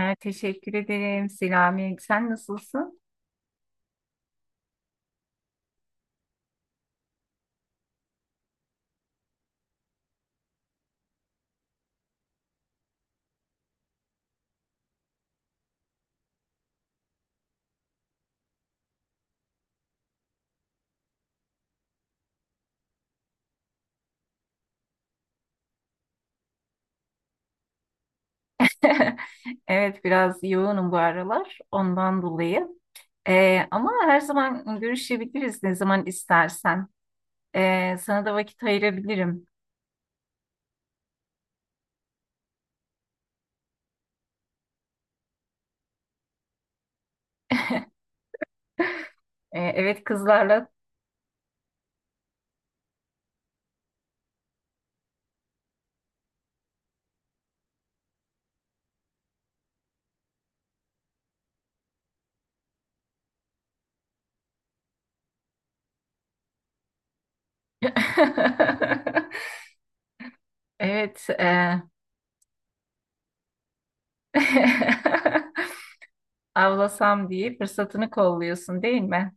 Teşekkür ederim Selami. Sen nasılsın? Evet, biraz yoğunum bu aralar ondan dolayı. Ama her zaman görüşebiliriz, ne zaman istersen. Sana da vakit ayırabilirim. Evet, kızlarla. Evet. Avlasam diye fırsatını kolluyorsun, değil mi?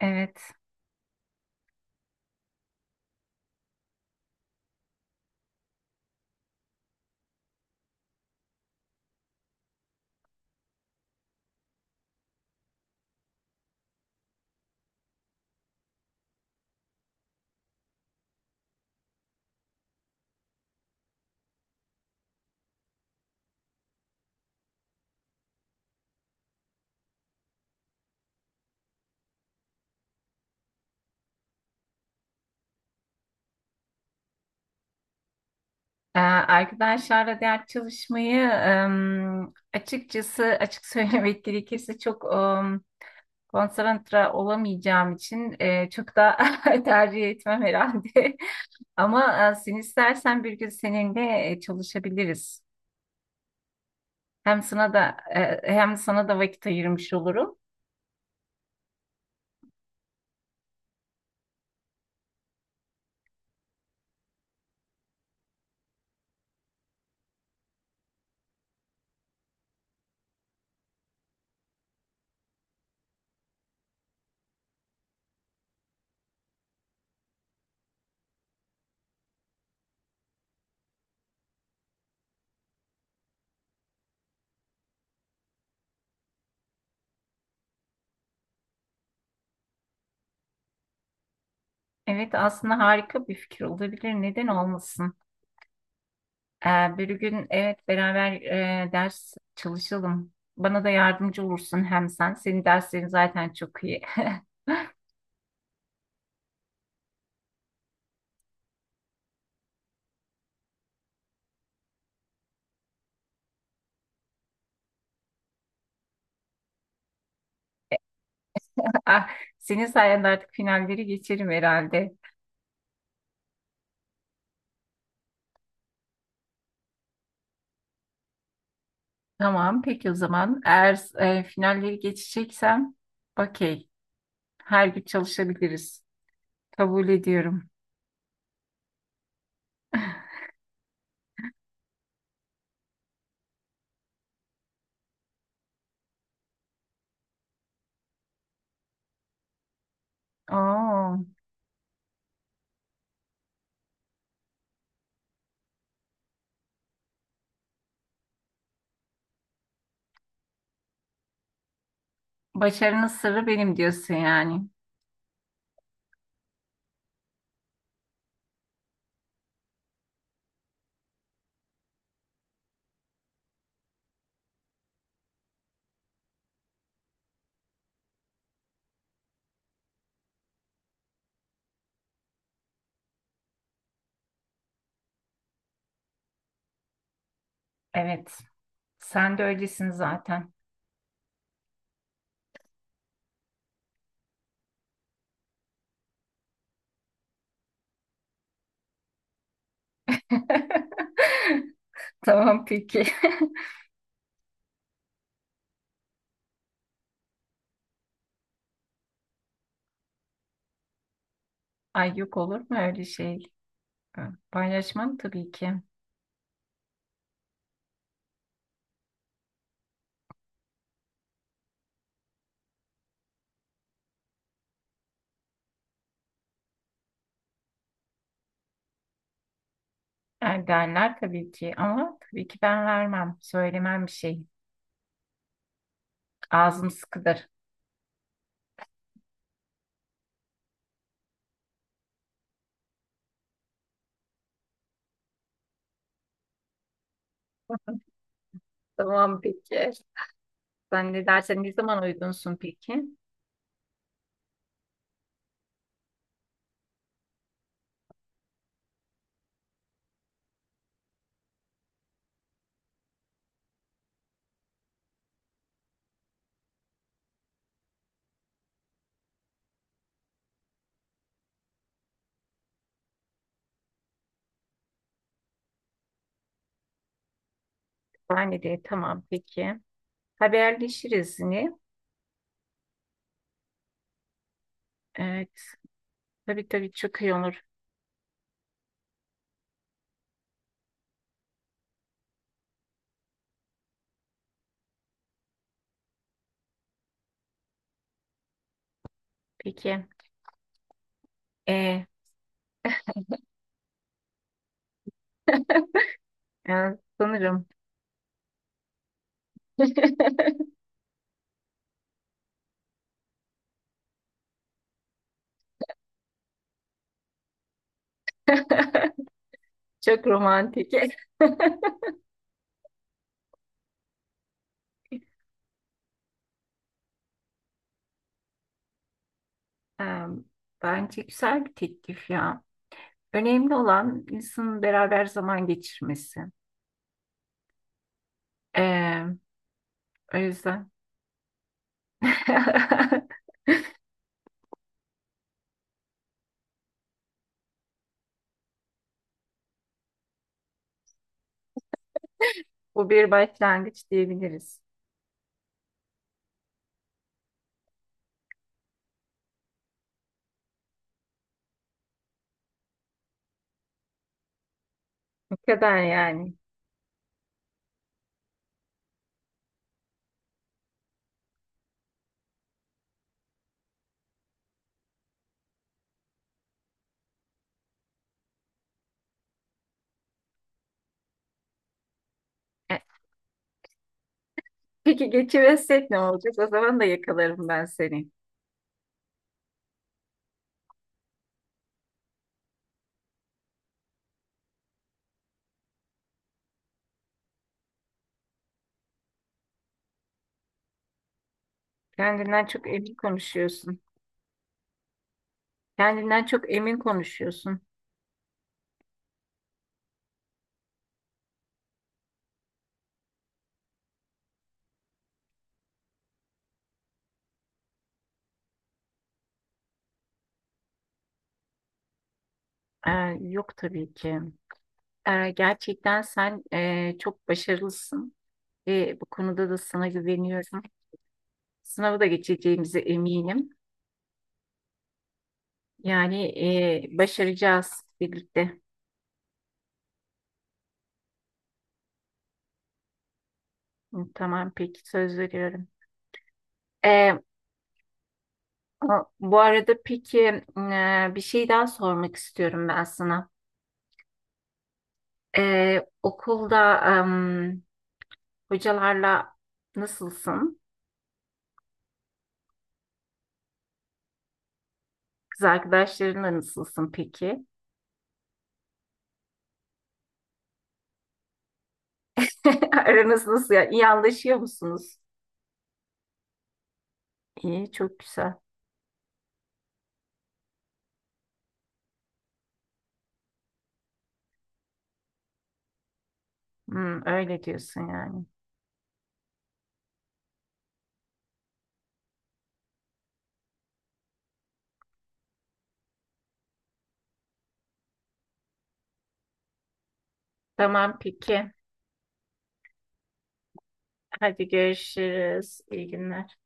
Evet. Arkadaşlarla ders çalışmayı, açıkçası, açık söylemek gerekirse, çok konsantre olamayacağım için çok da tercih etmem herhalde. Ama sen istersen bir gün seninle çalışabiliriz. Hem sana da e, hem sana da vakit ayırmış olurum. Evet, aslında harika bir fikir olabilir. Neden olmasın? Bir gün, evet, beraber ders çalışalım. Bana da yardımcı olursun hem sen. Senin derslerin zaten çok iyi. Ah, senin sayende artık finalleri geçerim herhalde. Tamam, peki, o zaman eğer finalleri geçeceksem, okey. Her gün çalışabiliriz. Kabul ediyorum. Oo, başarının sırrı benim diyorsun yani. Evet. Sen de öylesin zaten. Tamam, peki. Ay, yok olur mu öyle şey? Paylaşmam tabii ki. Yani derler tabii ki, ama tabii ki ben vermem. Söylemem bir şey. Ağzım sıkıdır. Tamam, peki. Sen ne dersen, ne zaman uygunsun peki? Yani de tamam, peki. Haberleşiriz yine. Evet. Tabii tabii, çok iyi olur. Peki. Ee, yani sanırım. Çok romantik. Em, bence güzel bir teklif ya. Önemli olan insanın beraber zaman geçirmesi. Em, o yüzden bu bir başlangıç diyebiliriz. Ne kadar yani. E, Peki, geçiversek ne olacak? O zaman da yakalarım ben seni. Kendinden çok emin konuşuyorsun. Kendinden çok emin konuşuyorsun. Ee, yok tabii ki. Gerçekten sen çok başarılısın ve bu konuda da sana güveniyorum. Sınavı da geçeceğimize eminim. Yani başaracağız birlikte. Hı, tamam peki, söz veriyorum. Ee, bu arada peki, bir şey daha sormak istiyorum ben sana. Okulda, em, hocalarla nasılsın? Kız arkadaşlarınla nasılsın peki? Aranız nasıl ya? İyi anlaşıyor musunuz? İyi, çok güzel. Hmm, öyle diyorsun yani. Tamam peki. Hadi görüşürüz. İyi günler.